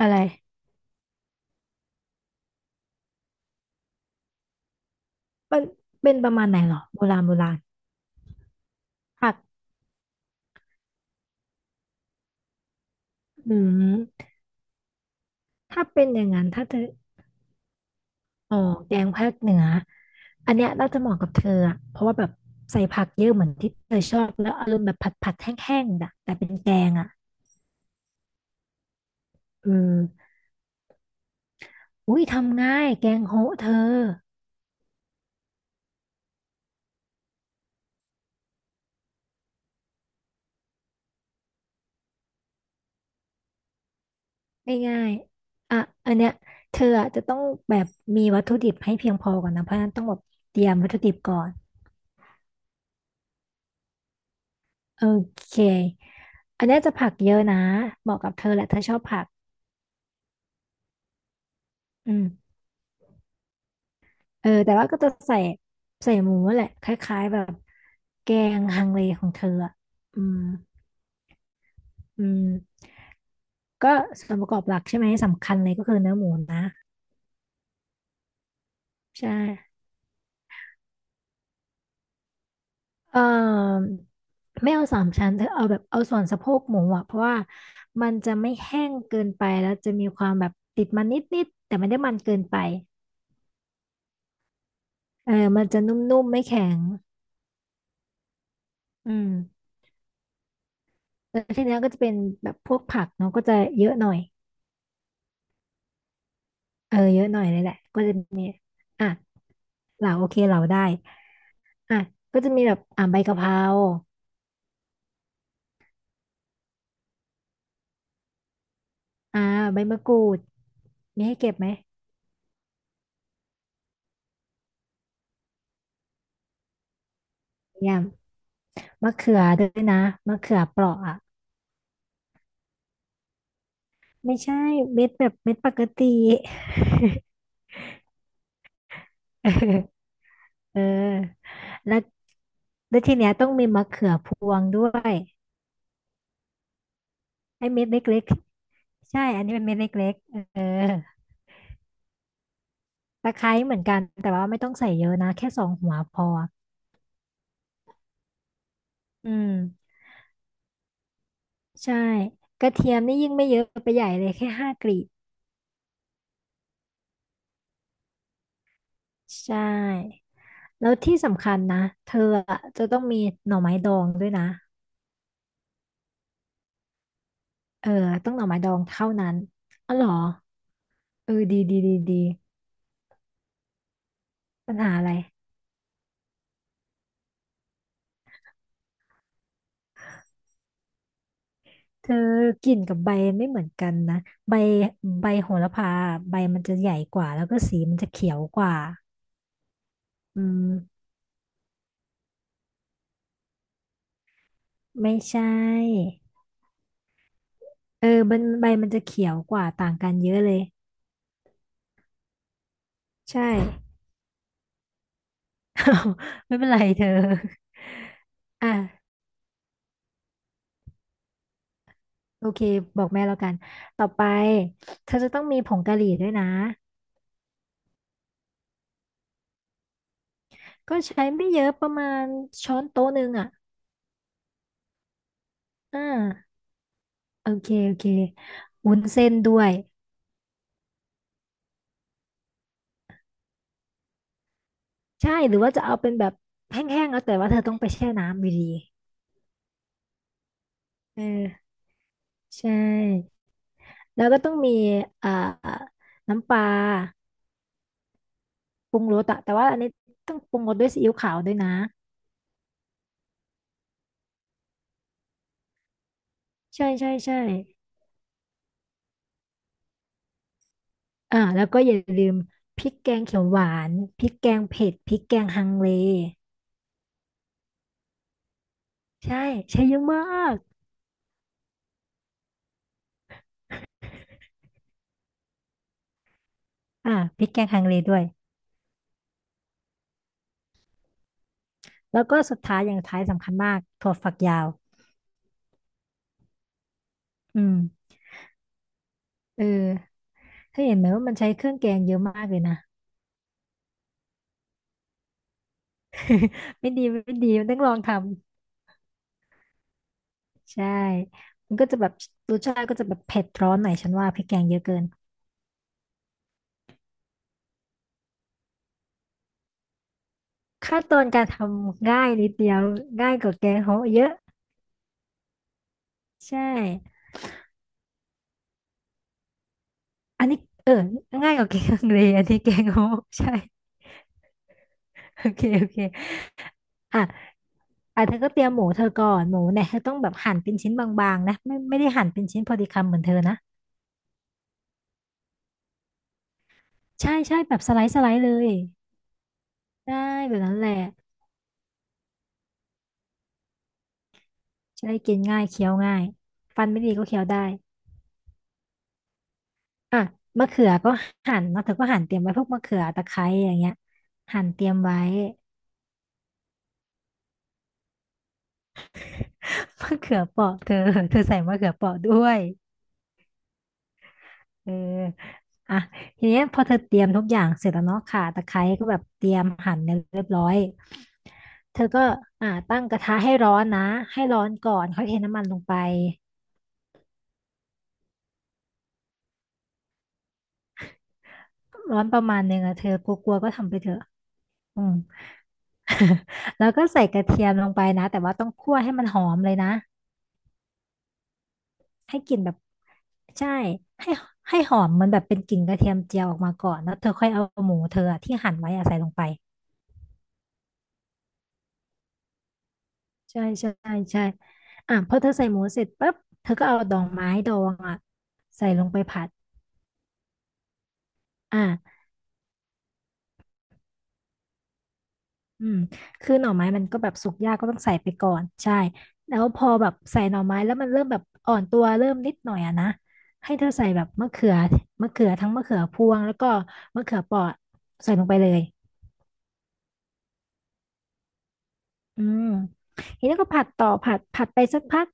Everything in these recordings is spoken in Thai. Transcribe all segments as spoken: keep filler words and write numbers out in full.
อะไรมันเป็นประมาณไหนหรอโบราณโบราณผักอืมถ้าเป็นอย่างนั้นถ้าเธออ๋อแกงภาคเหนืออันเนี้ยน่าจะเหมาะกับเธออะเพราะว่าแบบใส่ผักเยอะเหมือนที่เธอชอบแล้วอารมณ์แบบผัดผัดแห้งๆน่ะแต่เป็นแกงอ่ะเอออุ้ยทำง่ายแกงโฮะเธอง่ายๆอ่ะอันเนี้ยเธออะจะต้องแบบมีวัตถุดิบให้เพียงพอก่อนนะเพราะฉะนั้นต้องแบบเตรียมวัตถุดิบก่อนโอเคอันเนี้ยจะผักเยอะนะเหมาะกับเธอแหละเธอชอบผักอืม เออแต่ว่าก็จะใส่ใส่หมูแหละคล้ายๆแบบแกงฮังเลของเธออะอืมอืมก็ส่วนประกอบหลักใช่ไหมสำคัญเลยก็คือเนื้อหมูนะใช่เอ่อไม่เอาสามชั้นเธอเอาแบบเอาส่วนสะโพกหมูอ่ะเพราะว่ามันจะไม่แห้งเกินไปแล้วจะมีความแบบติดมันนิดๆแต่ไม่ได้มันเกินไปเออมันจะนุ่มๆไม่แข็งอืมแล้วทีเนี้ยก็จะเป็นแบบพวกผักเนาะก็จะเยอะหน่อยเออเยอะหน่อยเลยแหละก็จะมีอ่ะ เหลาโอเคเหลาได้อ่ะก็จะมีแบบอ่าใบกะเพราอ่าใบมะกรูด มีให้เก็บไหมเนี่ยมะเขือด้วยนะมะเขือเปราะอ่ะไม่ใช่เม็ดแบบเม็ดปกติ เออเออแล้วแล้วทีเนี้ยต้องมีมะเขือพวงด้วยไอ้เม็ดเล็กๆใช่อันนี้เป็นเม็ดเล็กๆเออตะไคร้เหมือนกันแต่ว่าไม่ต้องใส่เยอะนะแค่สองหัวพออืม ใช่กระเทียมนี่ยิ่งไม่เยอะไปใหญ่เลยแค่ห้ากลีบใช่แล้วที่สำคัญนะเธออะจะต้องมีหน่อไม้ดองด้วยนะเออต้องหน่อไม้ดองเท่านั้นอ๋อเหรอเออดีดีดีดีปัญหาอะไรเธอกลิ่นกับใบไม่เหมือนกันนะใบใบโหระพาใบมันจะใหญ่กว่าแล้วก็สีมันจะเขียวกว่าอืมไม่ใช่เออมันใบมันจะเขียวกว่าต่างกันเยอะเลยใช่ ไม่เป็นไรเธออ่ะ โอเค บอกแม่แล้วกัน ต่อไปเธอจะต้องมีผงกะหรี่ด้วยนะก็ใช้ไม่เยอะประมาณช้อนโต๊ะหนึ่งอ่ะอ่าโอเคโอเควุ้นเส้นด้วยใช่หรือว่าจะเอาเป็นแบบแห้งๆแล้วแต่ว่าเธอต้องไปแช่น้ำอยู่ดีเออใช่แล้วก็ต้องมีอ่าน้ำปลาปรุงรสอะแต่ว่าอันนี้ต้องปรุงรสด้วยซีอิ๊วขาวด้วยนะใช่ใช่ใช่อ่าแล้วก็อย่าลืมพริกแกงเขียวหวานพริกแกงเผ็ดพริกแกงฮังเล ใช่ใช้เยอะมาก อ่าพริกแกงฮังเลด้วยแล้วก็สุดท้ายอย่างสุดท้ายสำคัญมากถั่วฝักยาว อืมเออเธอเห็นไหมว่ามันใช้เครื่องแกงเยอะมากเลยนะ ไม่ดีไม่ดีมันต้องลองทำใช่มันก็จะแบบรสชาติก็จะแบบเผ็ดร้อนหน่อยฉันว่าพริกแกงเยอะเกินขั้นตอนการทำง่ายนิดเดียวง่ายกว่าแกงโฮะเยอะใช่ อันนี้เออง่ายกว่าแกงฮังเลอันนี้แกงโฮะ ใช่โอเคโอเคอ่ะ อ่ะเธอก็เตรียมหมูเธอก่อนหมูเนี่ยเธอต้องแบบหั่นเป็นชิ้นบางๆนะไม่ไม่ได้หั่นเป็นชิ้นพอดีคำเหมือนเธอนะใช่ใช่แบบสไลด์สไลด์เลยได้แบบนั้นแหละจะได้กินง่ายเคี้ยวง่ายฟันไม่ดีก็เคี้ยวได้อ่ะมะเขือก็หั่นเนาะเธอก็หั่นเตรียมไว้พวกมะเขือตะไคร้อย่างเงี้ยหั่นเตรียมไว้ มะเขือเปราะเธอเธอใส่มะเขือเปราะด้วย เอออ่ะทีเนี้ยพอเธอเตรียมทุกอย่างเสร็จแล้วเนาะข่าตะไคร้ก็แบบเตรียมหั่นเนี่ยเรียบร้อยเธอก็อ่าตั้งกระทะให้ร้อนนะให้ร้อนก่อนค่อยเทน้ำมันลงไปร้อนประมาณหนึ่งอะเธอกลัวๆก็ทำไปเถอะอืม แล้วก็ใส่กระเทียมลงไปนะ แต่ว่าต้องคั่วให้มันหอมเลยนะให้กลิ่นแบบใช่ให้ให้หอมมันแบบเป็นกลิ่นกระเทียมเจียวออกมาก่อนแล้วเธอค่อยเอาหมูเธออะที่หั่นไว้อะใส่ลงไป ใช่ใช่ใช่ อ่ะพอเธอใส่หมูเสร็จปั๊บเธอก็เอาดองไม้ดองอ่ะใส่ลงไปผัดอ่ะอืมคือหน่อไม้มันก็แบบสุกยากก็ต้องใส่ไปก่อนใช่แล้วพอแบบใส่หน่อไม้แล้วมันเริ่มแบบอ่อนตัวเริ่มนิดหน่อยอะนะให้เธอใส่แบบมะเขือมะเขือทั้งมะเขือพวงแล้วก็มะเขือเปราะใส่ลงไปเลยอืมทีนี้ก็ผัดต่อผัดผัดไปสักพัก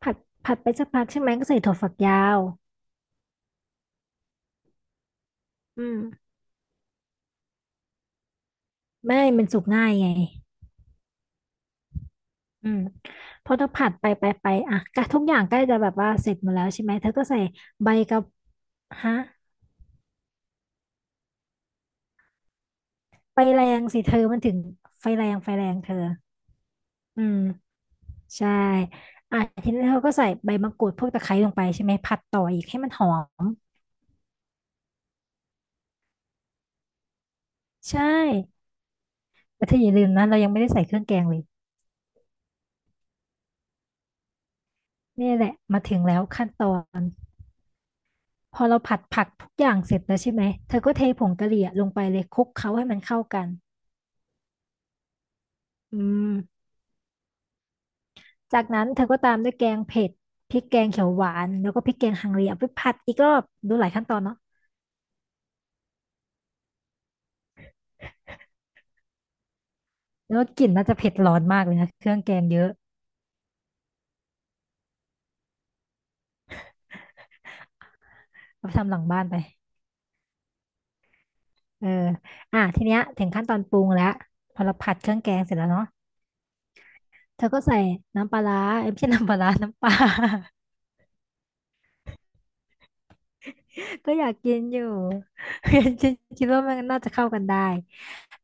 ผัดผัดไปสักพักใช่ไหมก็ใส่ถั่วฝักยาวอืมไม่มันสุกง่ายไง อืมพอเธอผัดไปไปไปอ่ะก็ทุกอย่างใกล้จะแบบว่าเสร็จหมดแล้วใช่ไหมเธอก็ใส่ใบกับฮะไฟแรงสิเธอมันถึงไฟแรงไฟแรงเธออืมใช่อ่ะทีนี้เธอก็ใส่ใบมะกรูดพวกตะไคร้ลงไปใช่ไหมผัดต่ออีกให้มันหอมใช่แต่เธออย่าลืมนะเรายังไม่ได้ใส่เครื่องแกงเลยนี่แหละมาถึงแล้วขั้นตอนพอเราผัดผักทุกอย่างเสร็จแล้วใช่ไหมเธอก็เทผงกะหรี่อะลงไปเลยคลุกเคล้าให้มันเข้ากันอืม จากนั้นเธอก็ตามด้วยแกงเผ็ดพริกแกงเขียวหวานแล้วก็พริกแกงฮังเลเอาไปผัดอีกรอบดูหลายขั้นตอนเนาะแล้วก็กลิ่นน่าจะเผ็ดร้อนมากเลยนะเครื่องแกงเยอะเอาไปทำหลังบ้านไปเอออ่ะทีเนี้ยถึงขั้นตอนปรุงแล้วพอเราผัดเครื่องแกงเสร็จแล้วเนาะเธอก็ใส่น้ำปลาร้าเอ้ยไม่ใช่น้ำปลาร้า น้ำปลา ก็อยากกินอยู่ ฉันคิดว่ามันน่าจะเข้ากันได้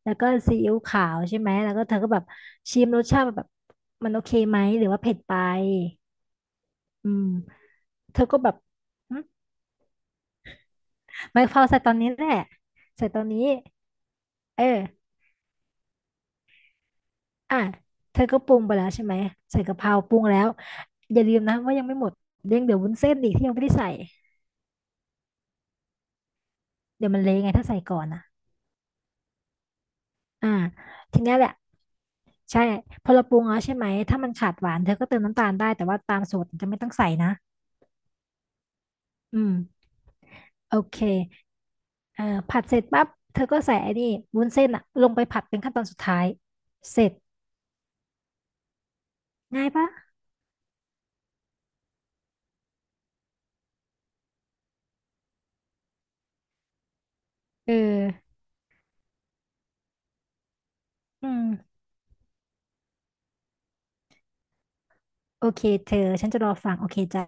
แล้วก็ซีอิ๊วขาวใช่ไหมแล้วก็เธอก็แบบชิมรสชาติแบบมันโอเคไหมหรือว่าเผ็ดไปอืม เธอก็แบบหึไมาเฝ้าใส่ตอนนี้แหละใส่ตอนนี้เอออ่ะเธอก็ปรุงไปแล้วใช่ไหมใส่กะเพราปรุงแล้วอย่าลืมนะว่ายังไม่หมดเรื่องเดี๋ยววุ้นเส้นอีกที่ยังไม่ได้ใส่เดี๋ยวมันเละไงถ้าใส่ก่อนอ่ะอ่าทีเนี้ยแหละใช่พอเราปรุงแล้วใช่ไหมถ้ามันขาดหวานเธอก็เติมน้ำตาลได้แต่ว่าตามสูตรจะไม่ต้องใส่นะอืมโอเคเอ่อผัดเสร็จปั๊บเธอก็ใส่ไอ้นี่วุ้นเส้นอ่ะลงไปผัดเป็นขั้นตอนสุดท้ายเสร็จง่ายปะ เอออืมโอเคเธอฉันจะรอฟังโอเคจ้า